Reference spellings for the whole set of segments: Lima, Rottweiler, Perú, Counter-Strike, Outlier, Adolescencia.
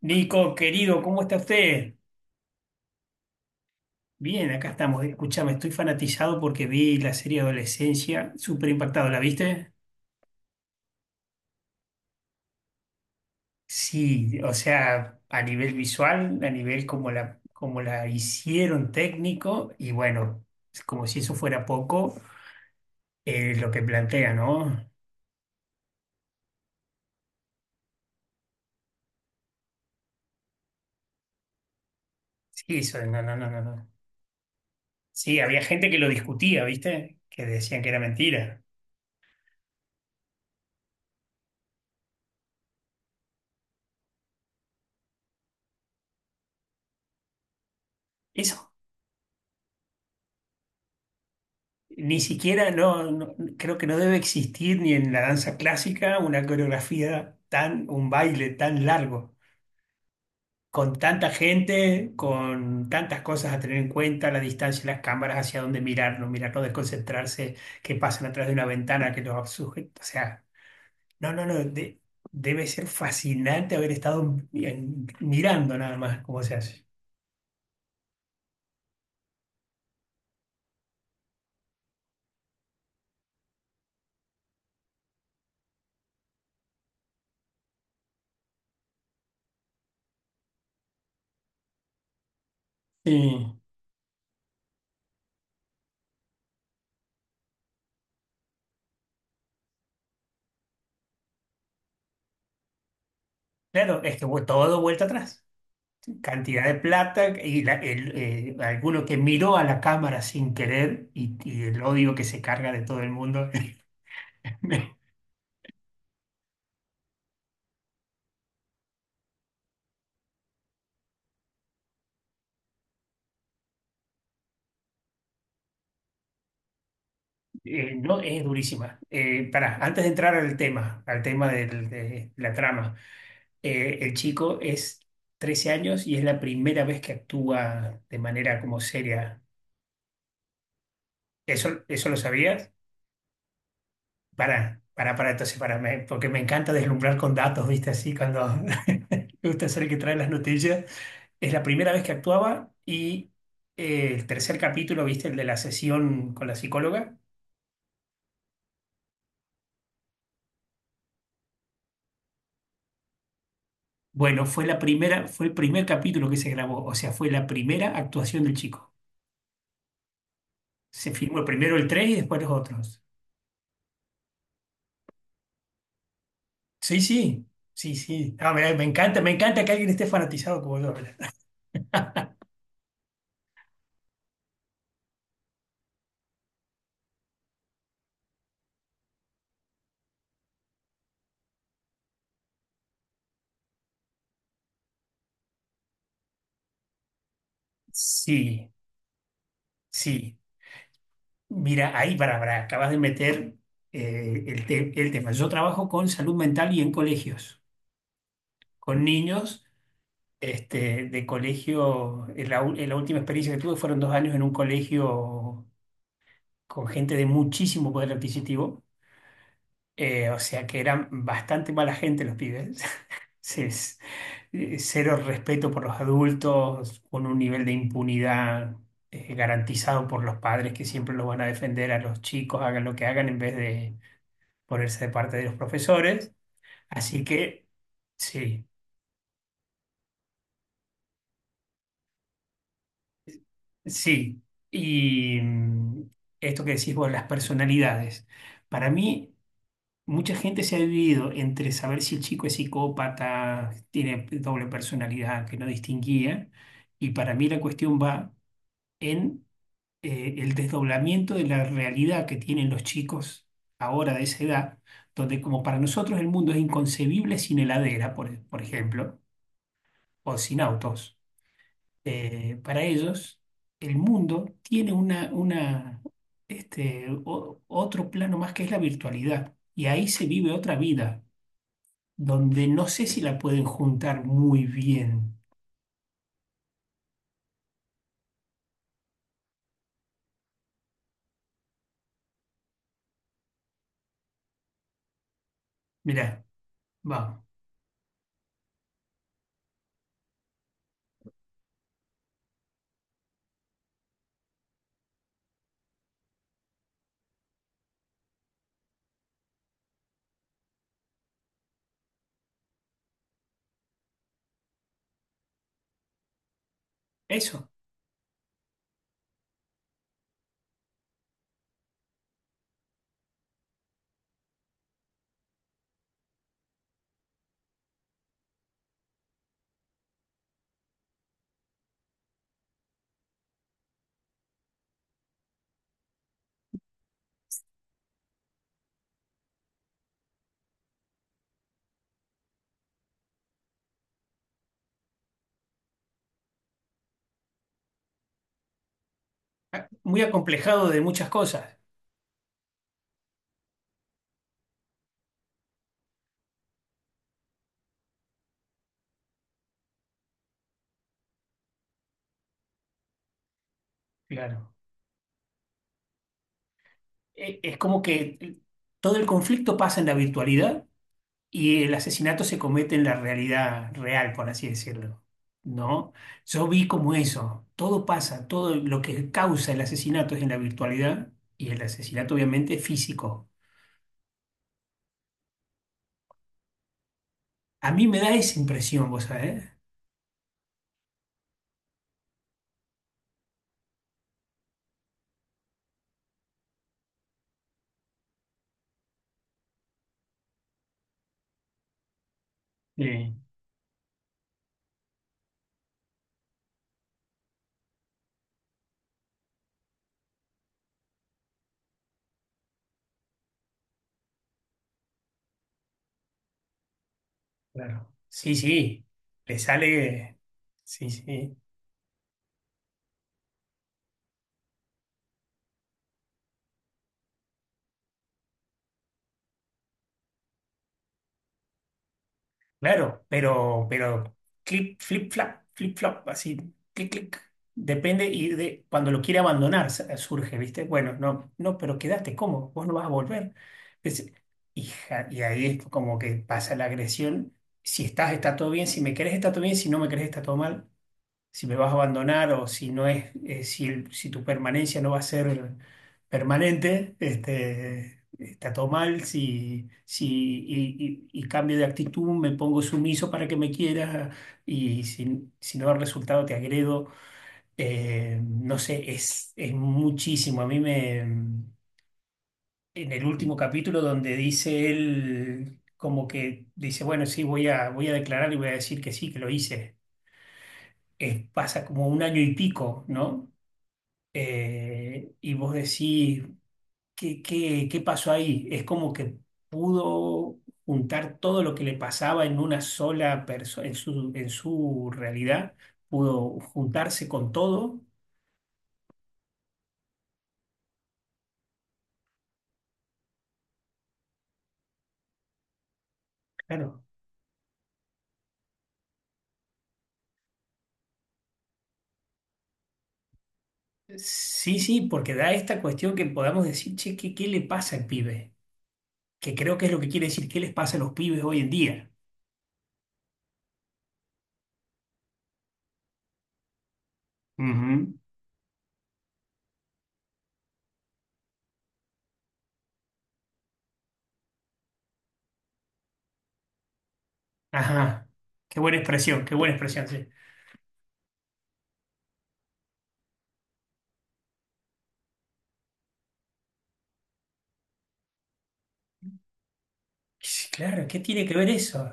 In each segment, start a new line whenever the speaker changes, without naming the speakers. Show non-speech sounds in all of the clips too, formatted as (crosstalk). Nico, querido, ¿cómo está usted? Bien, acá estamos. Escúchame, estoy fanatizado porque vi la serie Adolescencia, súper impactado. ¿La viste? Sí, o sea, a nivel visual, a nivel como la hicieron técnico, y bueno, es como si eso fuera poco, lo que plantea, ¿no? Sí, eso, no, no, no, no, no. Sí, había gente que lo discutía, ¿viste? Que decían que era mentira. Eso Ni siquiera, no, no- Creo que no debe existir ni en la danza clásica una coreografía tan, un baile tan largo, con tanta gente, con tantas cosas a tener en cuenta, la distancia, las cámaras, hacia dónde mirar, no desconcentrarse, que pasan atrás de una ventana, que los sujetos, o sea, no, no, no, de- debe ser fascinante haber mirando nada más cómo se hace. Sí. Claro, es que todo vuelta atrás. Cantidad de plata y alguno que miró a la cámara sin querer y el odio que se carga de todo el mundo. (laughs) Me- no, es durísima. Pará, antes de entrar al tema, al tema de la trama, el chico es 13 años y es la primera vez que actúa de manera como seria. ¿Eso, eso lo sabías? Para, entonces, para, porque me encanta deslumbrar con datos, ¿viste? Así, cuando (laughs) me gusta ser el que trae las noticias. Es la primera vez que actuaba y el tercer capítulo, ¿viste? El de la sesión con la psicóloga. Bueno, fue el primer capítulo que se grabó, o sea, fue la primera actuación del chico. Se filmó primero el 3 y después los otros. Sí, sí, sí, sí. Ah, me encanta que alguien esté fanatizado como yo. ¿Verdad? Sí, sí. Mira, ahí para, acabas de meter el tema. Yo trabajo con salud mental y en colegios, con niños este, de colegio. En la última experiencia que tuve fueron 2 años en un colegio con gente de muchísimo poder adquisitivo, o sea que eran bastante mala gente los pibes. (laughs) Se- s- Cero respeto por los adultos, con un nivel de impunidad garantizado por los padres que siempre los van a defender a los chicos, hagan lo que hagan, en vez de ponerse de parte de los profesores. Así que sí, sí. Y esto que decís vos, las personalidades. Para mí, mucha gente se ha dividido entre saber si el chico es psicópata, tiene doble personalidad, que no distinguía. Y para mí la cuestión va en el desdoblamiento de la realidad que tienen los chicos ahora de esa edad, donde como para nosotros el mundo es inconcebible sin heladera, por ejemplo, o sin autos para ellos, el mundo tiene una, este, otro plano más que es la virtualidad. Y ahí se vive otra vida, donde no sé si la pueden juntar muy bien. Mirá, vamos, eso. Ah, muy acomplejado de muchas cosas. Claro. Es como que todo el conflicto pasa en la virtualidad y el asesinato se comete en la realidad real, por así decirlo, ¿no? Yo vi como eso, todo pasa, todo lo que causa el asesinato es en la virtualidad y el asesinato obviamente es físico. A mí me da esa impresión, vos sabés. Sí, claro. Sí, sí, le sale, sí, sí. Claro, pero clip, flip, flap, flip, flop, así, clic, clic. Depende y de cuando lo quiere abandonar surge, ¿viste? Bueno, no, no, pero quedaste, ¿cómo? Vos no vas a volver. Es- Hija, y ahí es como que pasa la agresión. Si estás, está todo bien. Si me querés, está todo bien. Si no me querés, está todo mal si me vas a abandonar o si no es, si, si tu permanencia no va a ser permanente, este, está todo mal, si, si, y, y cambio de actitud, me pongo sumiso para que me quieras y si, si no da resultado te agredo. No sé, es muchísimo. A mí me, en el último capítulo donde dice él... como que dice, bueno, sí, voy a declarar y voy a decir que sí, que lo hice. Pasa como un año y pico, ¿no? Y vos decís, ¿qué, qué, qué pasó ahí? Es como que pudo juntar todo lo que le pasaba en una sola persona, en en su realidad, pudo juntarse con todo. Claro. Sí, sí, porque da esta cuestión que podamos decir, che, ¿qué, qué le pasa al pibe? Que creo que es lo que quiere decir, ¿qué les pasa a los pibes hoy en día? Ujú. Ajá. Qué buena expresión, sí. Sí, claro, ¿qué tiene que ver eso?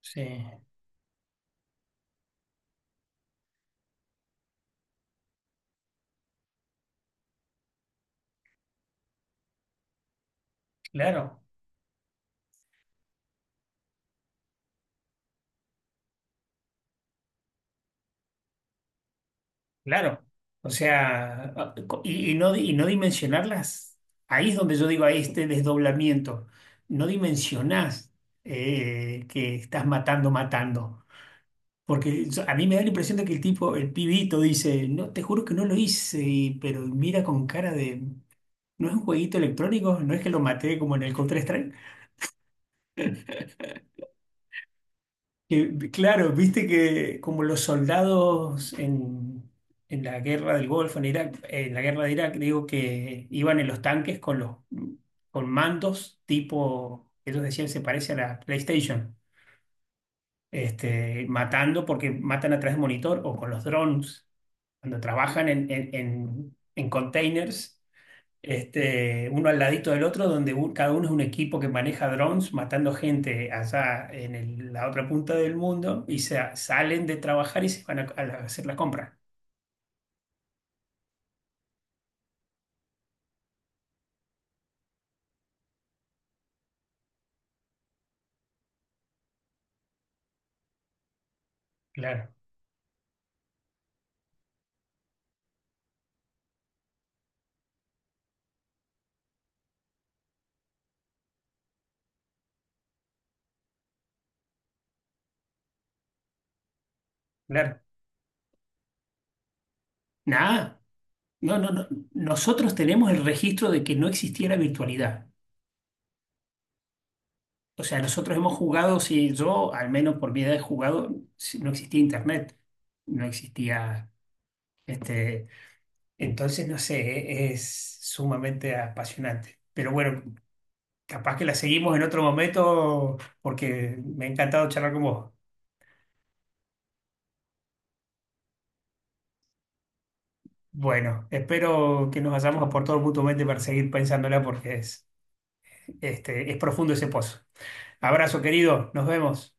Sí, claro. Claro, o sea, y no dimensionarlas, ahí es donde yo digo, ahí este desdoblamiento, no dimensionás que estás matando, matando, porque a mí me da la impresión de que el tipo, el pibito dice, no, te juro que no lo hice, pero mira con cara de, ¿no es un jueguito electrónico? ¿No es que lo maté como en el Counter-Strike? Que, claro, viste que como los soldados en la guerra del Golfo, en Irak, en la guerra de Irak, digo que iban en los tanques con los con mandos tipo, ellos decían se parece a la PlayStation, este, matando porque matan a través de monitor o con los drones, cuando trabajan en containers este, uno al ladito del otro, donde cada uno es un equipo que maneja drones matando gente allá en la otra punta del mundo y se, salen de trabajar y se van a a hacer la compra. Claro, claro. Nada. No, no, no. Nosotros tenemos el registro de que no existiera virtualidad. O sea, nosotros hemos jugado, si yo, al menos por mi edad, he jugado, si no existía internet, no existía, este, entonces, no sé, es sumamente apasionante. Pero bueno, capaz que la seguimos en otro momento porque me ha encantado charlar con vos. Bueno, espero que nos hayamos aportado mutuamente para seguir pensándola porque es, este, es profundo ese pozo. Abrazo, querido. Nos vemos.